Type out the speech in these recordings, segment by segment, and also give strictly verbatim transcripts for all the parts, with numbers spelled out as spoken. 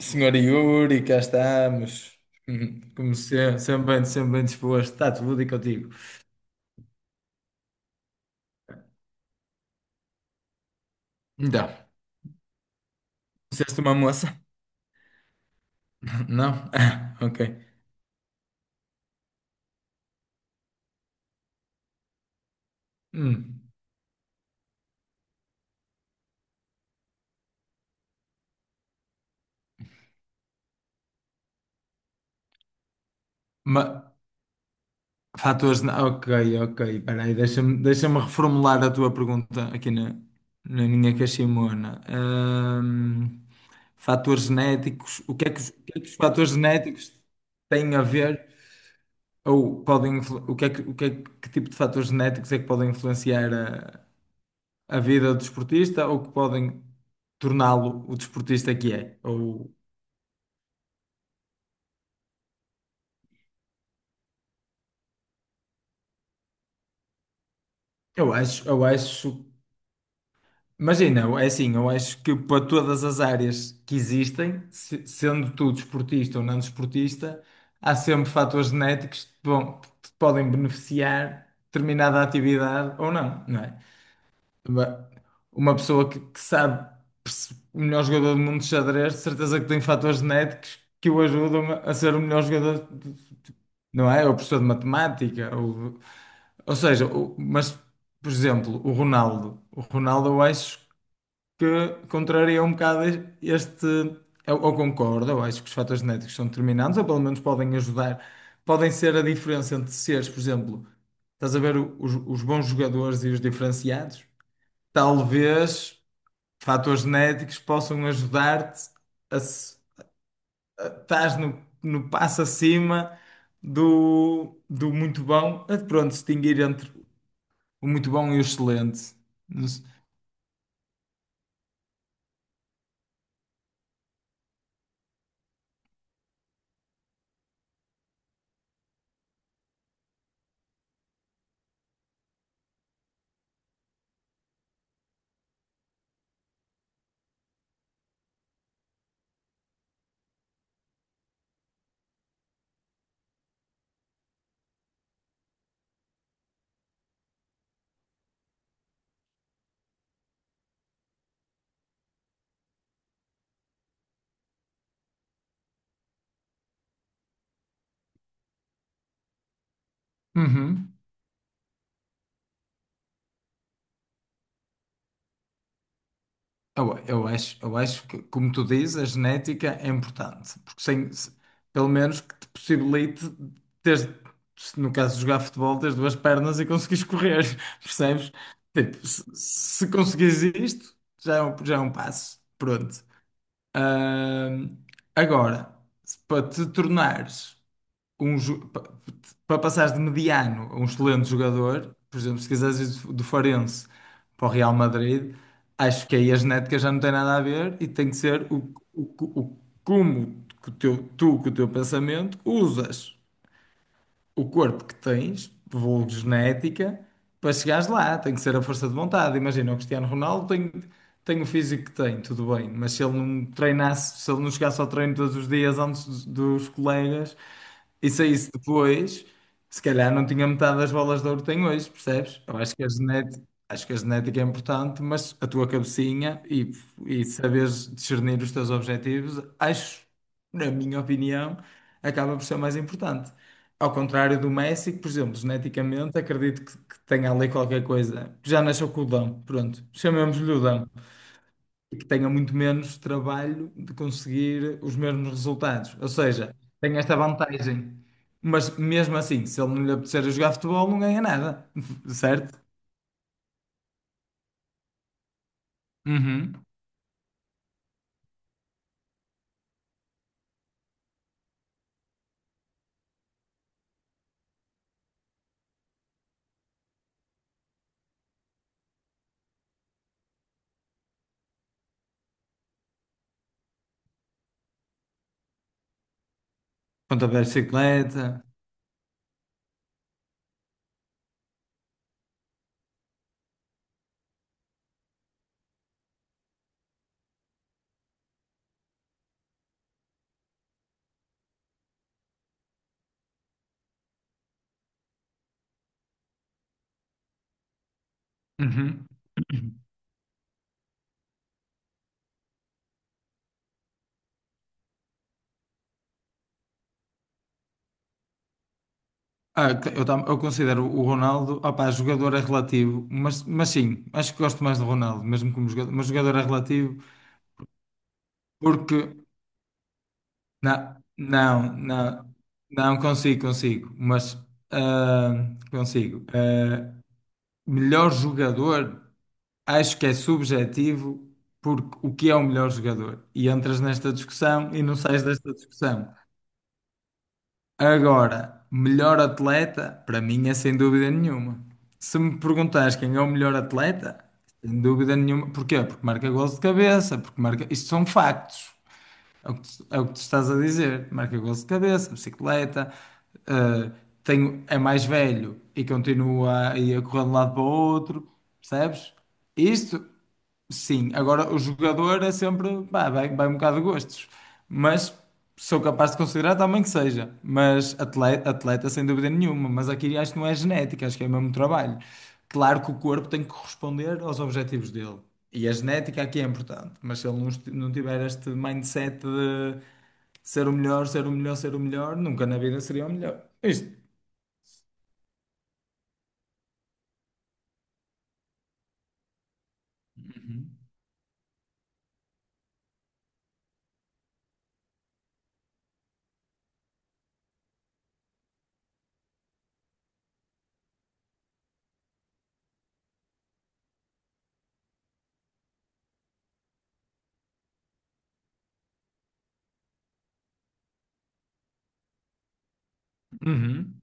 Senhora Yuri, cá estamos. Hum, Como sempre, sempre bem, sempre bem disposto. Está tudo e contigo. Então, disseste uma moça? Não? Ah, ok. Hum. Ma- fatores. na- Ok, ok. Espera aí, deixa-me deixa-me reformular a tua pergunta aqui na, na minha caiximona. Hum, fatores genéticos. O que é que os, o que é que os fatores genéticos têm a ver? Ou podem, influ- o que é que, o que é que, que tipo de fatores genéticos é que podem influenciar a vida do desportista ou que podem torná-lo o desportista que é. Ou, eu acho, eu acho, imagina, é assim, eu acho que para todas as áreas que existem, se- sendo tu desportista ou não desportista, há sempre fatores genéticos que te vão- que te podem beneficiar determinada atividade ou não, não é? Ba- Uma pessoa que, que sabe perce- o melhor jogador do mundo de xadrez, de certeza que tem fatores genéticos que o ajudam a a ser o melhor jogador, de- de- não é? Ou professor de matemática, ou, ou seja, o- mas, por exemplo, o Ronaldo. O Ronaldo, eu acho que contraria um bocado este. Eu, eu concordo, eu acho que os fatores genéticos são determinantes, ou pelo menos podem ajudar, podem ser a diferença entre seres, por exemplo. Estás a ver o- os, os bons jogadores e os diferenciados? Talvez fatores genéticos possam ajudar-te a se- estás no, no passo acima do, do muito bom, a pronto, distinguir entre o muito bom e o excelente. Não se- Uhum. Eu, eu acho, eu acho que, como tu dizes, a genética é importante, porque sem, se- pelo menos que te possibilite ter, se no caso de jogar futebol, teres duas pernas e conseguires correr, percebes? Tipo, se, se conseguires isto, já é um, já é um passo, pronto. Ahm, agora, se para te tornares um, para passares de mediano a um excelente jogador, por exemplo, se quiseres ir do do Farense para o Real Madrid, acho que aí a genética já não tem nada a ver e tem que ser o, o, o como que o teu, tu, com o teu pensamento, usas o corpo que tens, vulgo genética, para chegares lá. Tem que ser a força de vontade. Imagina, o Cristiano Ronaldo tem, tem o físico que tem, tudo bem, mas se ele não treinasse, se ele não chegasse ao treino todos os dias antes dos dos colegas. E saísse depois, se calhar não tinha metade das bolas de ouro que tem hoje, percebes? Eu acho que a genética, acho que a genética é importante, mas a tua cabecinha e, e saberes discernir os teus objetivos, acho, na minha opinião, acaba por ser o mais importante. Ao contrário do Messi, que, por exemplo, geneticamente, acredito que, que tenha ali qualquer coisa. Já nasceu com o dom, pronto, chamemos-lhe o dom e que tenha muito menos trabalho de conseguir os mesmos resultados. Ou seja, tem esta vantagem. Mas mesmo assim, se ele não lhe apetecer a jogar futebol, não ganha nada, certo? Uhum. Ponta de bicicleta. Uhum. Ah, que- eu, tam- eu considero o Ronaldo, opá, jogador é relativo, mas, mas sim, acho que gosto mais do Ronaldo, mesmo como jogador, mas jogador é relativo, porque na- não, não, não, consigo, consigo, mas ah, consigo. Ah, Melhor jogador, acho que é subjetivo, porque o que é o melhor jogador? E entras nesta discussão e não sais desta discussão. Agora, melhor atleta, para mim é sem dúvida nenhuma. Se me perguntares quem é o melhor atleta, sem dúvida nenhuma. Porquê? Porque marca gols de cabeça, porque marca. Isto são factos. É o que tu, é o que tu estás a dizer. Marca gols de cabeça, bicicleta, eh, tenho, é mais velho e continua aí a correr de um lado para o outro, percebes? Isto. Sim, agora o jogador é sempre, pá, vai, vai um bocado de gostos, mas sou capaz de considerar também que seja, mas atleta, atleta sem dúvida nenhuma, mas aqui acho que não é genética, acho que é mesmo trabalho. Claro que o corpo tem que corresponder aos objetivos dele, e a genética aqui é importante, mas se ele não, esti- não tiver este mindset de ser o melhor, ser o melhor, ser o melhor, nunca na vida seria o melhor. Isto. Uhum.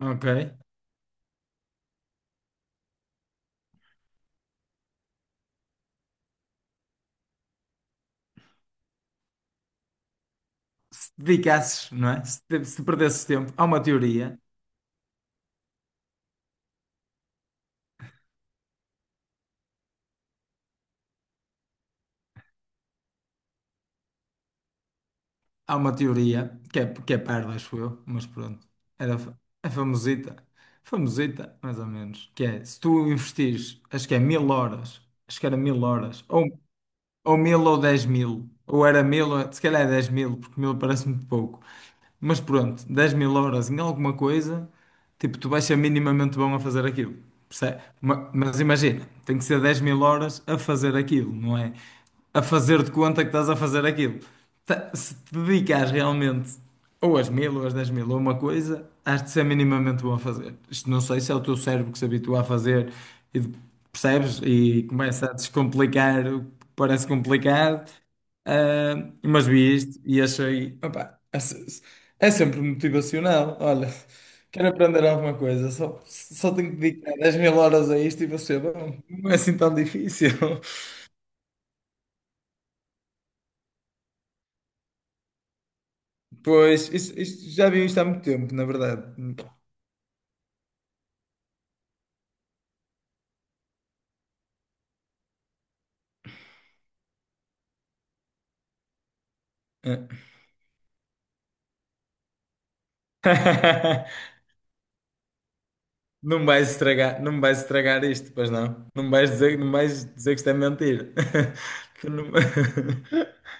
Ok. Se te dedicasses, não é? Se, te- se perdesses tempo, há uma teoria. Há uma teoria que é, que é parva, acho eu, mas pronto. Era, fa- é famosita. Famosita, mais ou menos. Que é, se tu investires, acho que é mil horas, acho que era mil horas, ou ou mil ou dez mil. Ou era mil, ou- se calhar é dez mil, porque mil parece muito pouco. Mas pronto, dez mil horas em alguma coisa, tipo, tu vais ser minimamente bom a fazer aquilo. perce- Ma- Mas imagina, tem que ser dez mil horas a fazer aquilo, não é? A fazer de conta que estás a fazer aquilo. Ta- Se te dedicares realmente. Ou as mil, ou as dez mil, ou uma coisa, has de ser minimamente bom a fazer. Isto não sei se é o teu cérebro que se habitua a fazer e de- percebes e começa a descomplicar o que parece complicado. Ah, mas vi isto e achei, opá, é, se- é sempre motivacional. Olha, quero aprender alguma coisa, só, só tenho que dedicar dez mil horas a isto e vou ser bom. Não é assim tão difícil. Pois, isto, isto- já vi isto há muito tempo, na verdade. É. Não me vais estragar, não me vais estragar isto, pois não. Não me vais dizer, não me vais dizer que isto é mentira. Que não-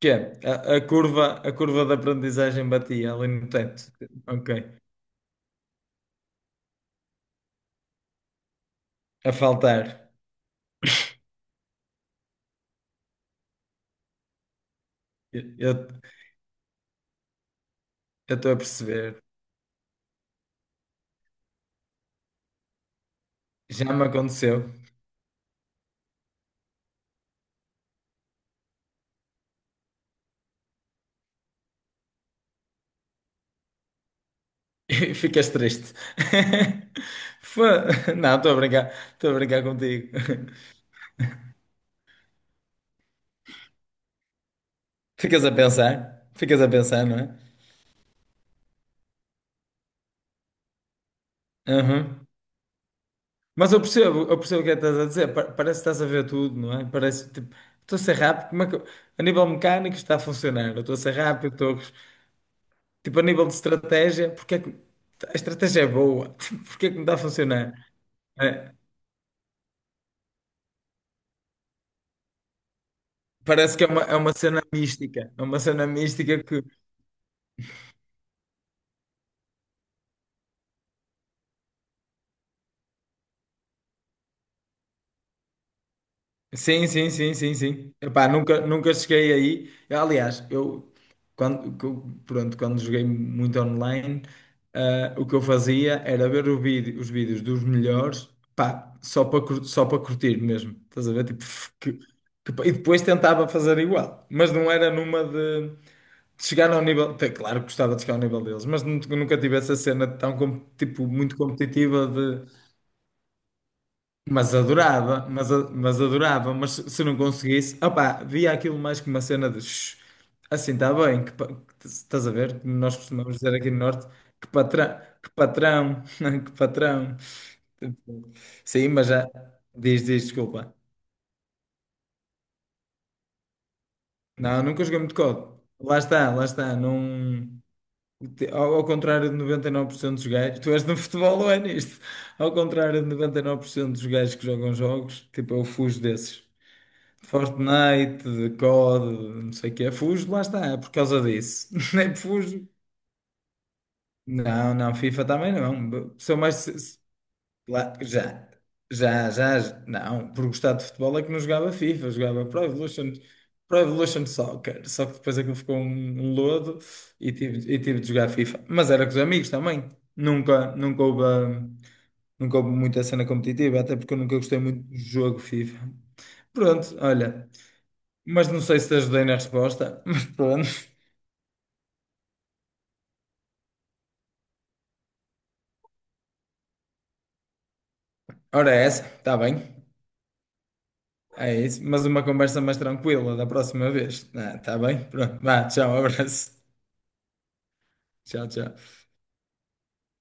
Que é, a, a curva, a curva da aprendizagem batia ali no teto. Ok. A faltar. Eu eu estou a perceber. Já me aconteceu. E ficas triste. Foi- Não, estou a brincar. Estou a brincar contigo. Ficas a pensar. Ficas a pensar, não é? Uhum. Mas eu percebo, eu percebo o que é que estás a dizer. Pa- Parece que estás a ver tudo, não é? Parece tipo, estou a ser rápido, como é que eu- a nível mecânico está a funcionar? Eu estou a ser rápido, estou a- tipo a nível de estratégia, porque é que a estratégia é boa, tipo, porque é que não está a funcionar? É, parece que é uma, é uma cena mística, é uma cena mística que sim, sim, sim, sim, sim. Epá, nunca, nunca cheguei aí. Eu, aliás, eu quando, que eu- pronto, quando joguei muito online, ah, o que eu fazia era ver o vídeo- os vídeos dos melhores, pá, só para cur- só para curtir mesmo. Estás a ver? Tipo, f- que- que- e depois tentava fazer igual, mas não era numa de, de chegar ao nível. tá, Claro que gostava de chegar ao nível deles, mas nun- nunca tive essa cena tão com- tipo, muito competitiva, mas adorava, mas, a- mas adorava, mas se se não conseguisse, opá, via aquilo mais que uma cena de "Shh, assim está bem, que, pa- que- estás a ver? Nós costumamos dizer aqui no Norte, que patrão, que patrão, que patrão. Tipo, sim, mas já diz, diz, desculpa. Não, nunca joguei muito C O D. Lá está, lá está. Não... te- Ao, ao contrário de noventa e nove por cento dos gajos, tu és no futebol ou é nisto? Ao contrário de noventa e nove por cento dos gajos que jogam jogos, tipo, eu fujo desses. Fortnite, C O D, não sei o quê. Fujo, lá está, é por causa disso. Nem fujo. Não, não, FIFA também não. Sou mais. se- se- lá- já, já, já, já. Não, por gostar de futebol é que não jogava FIFA, jogava Pro Evolution, Pro Evolution Soccer. Só que depois aquilo ficou um, um lodo e tive, e tive de jogar FIFA. Mas era com os amigos também. Nunca, nunca houve, hum, nunca houve muita cena competitiva, até porque eu nunca gostei muito do jogo FIFA. Pronto, olha. Mas não sei se te ajudei na resposta, mas pronto. Ora, é essa, está bem. É isso. Mas uma conversa mais tranquila da próxima vez. Está bem? Pronto. Vá, tchau, abraço. Tchau, tchau.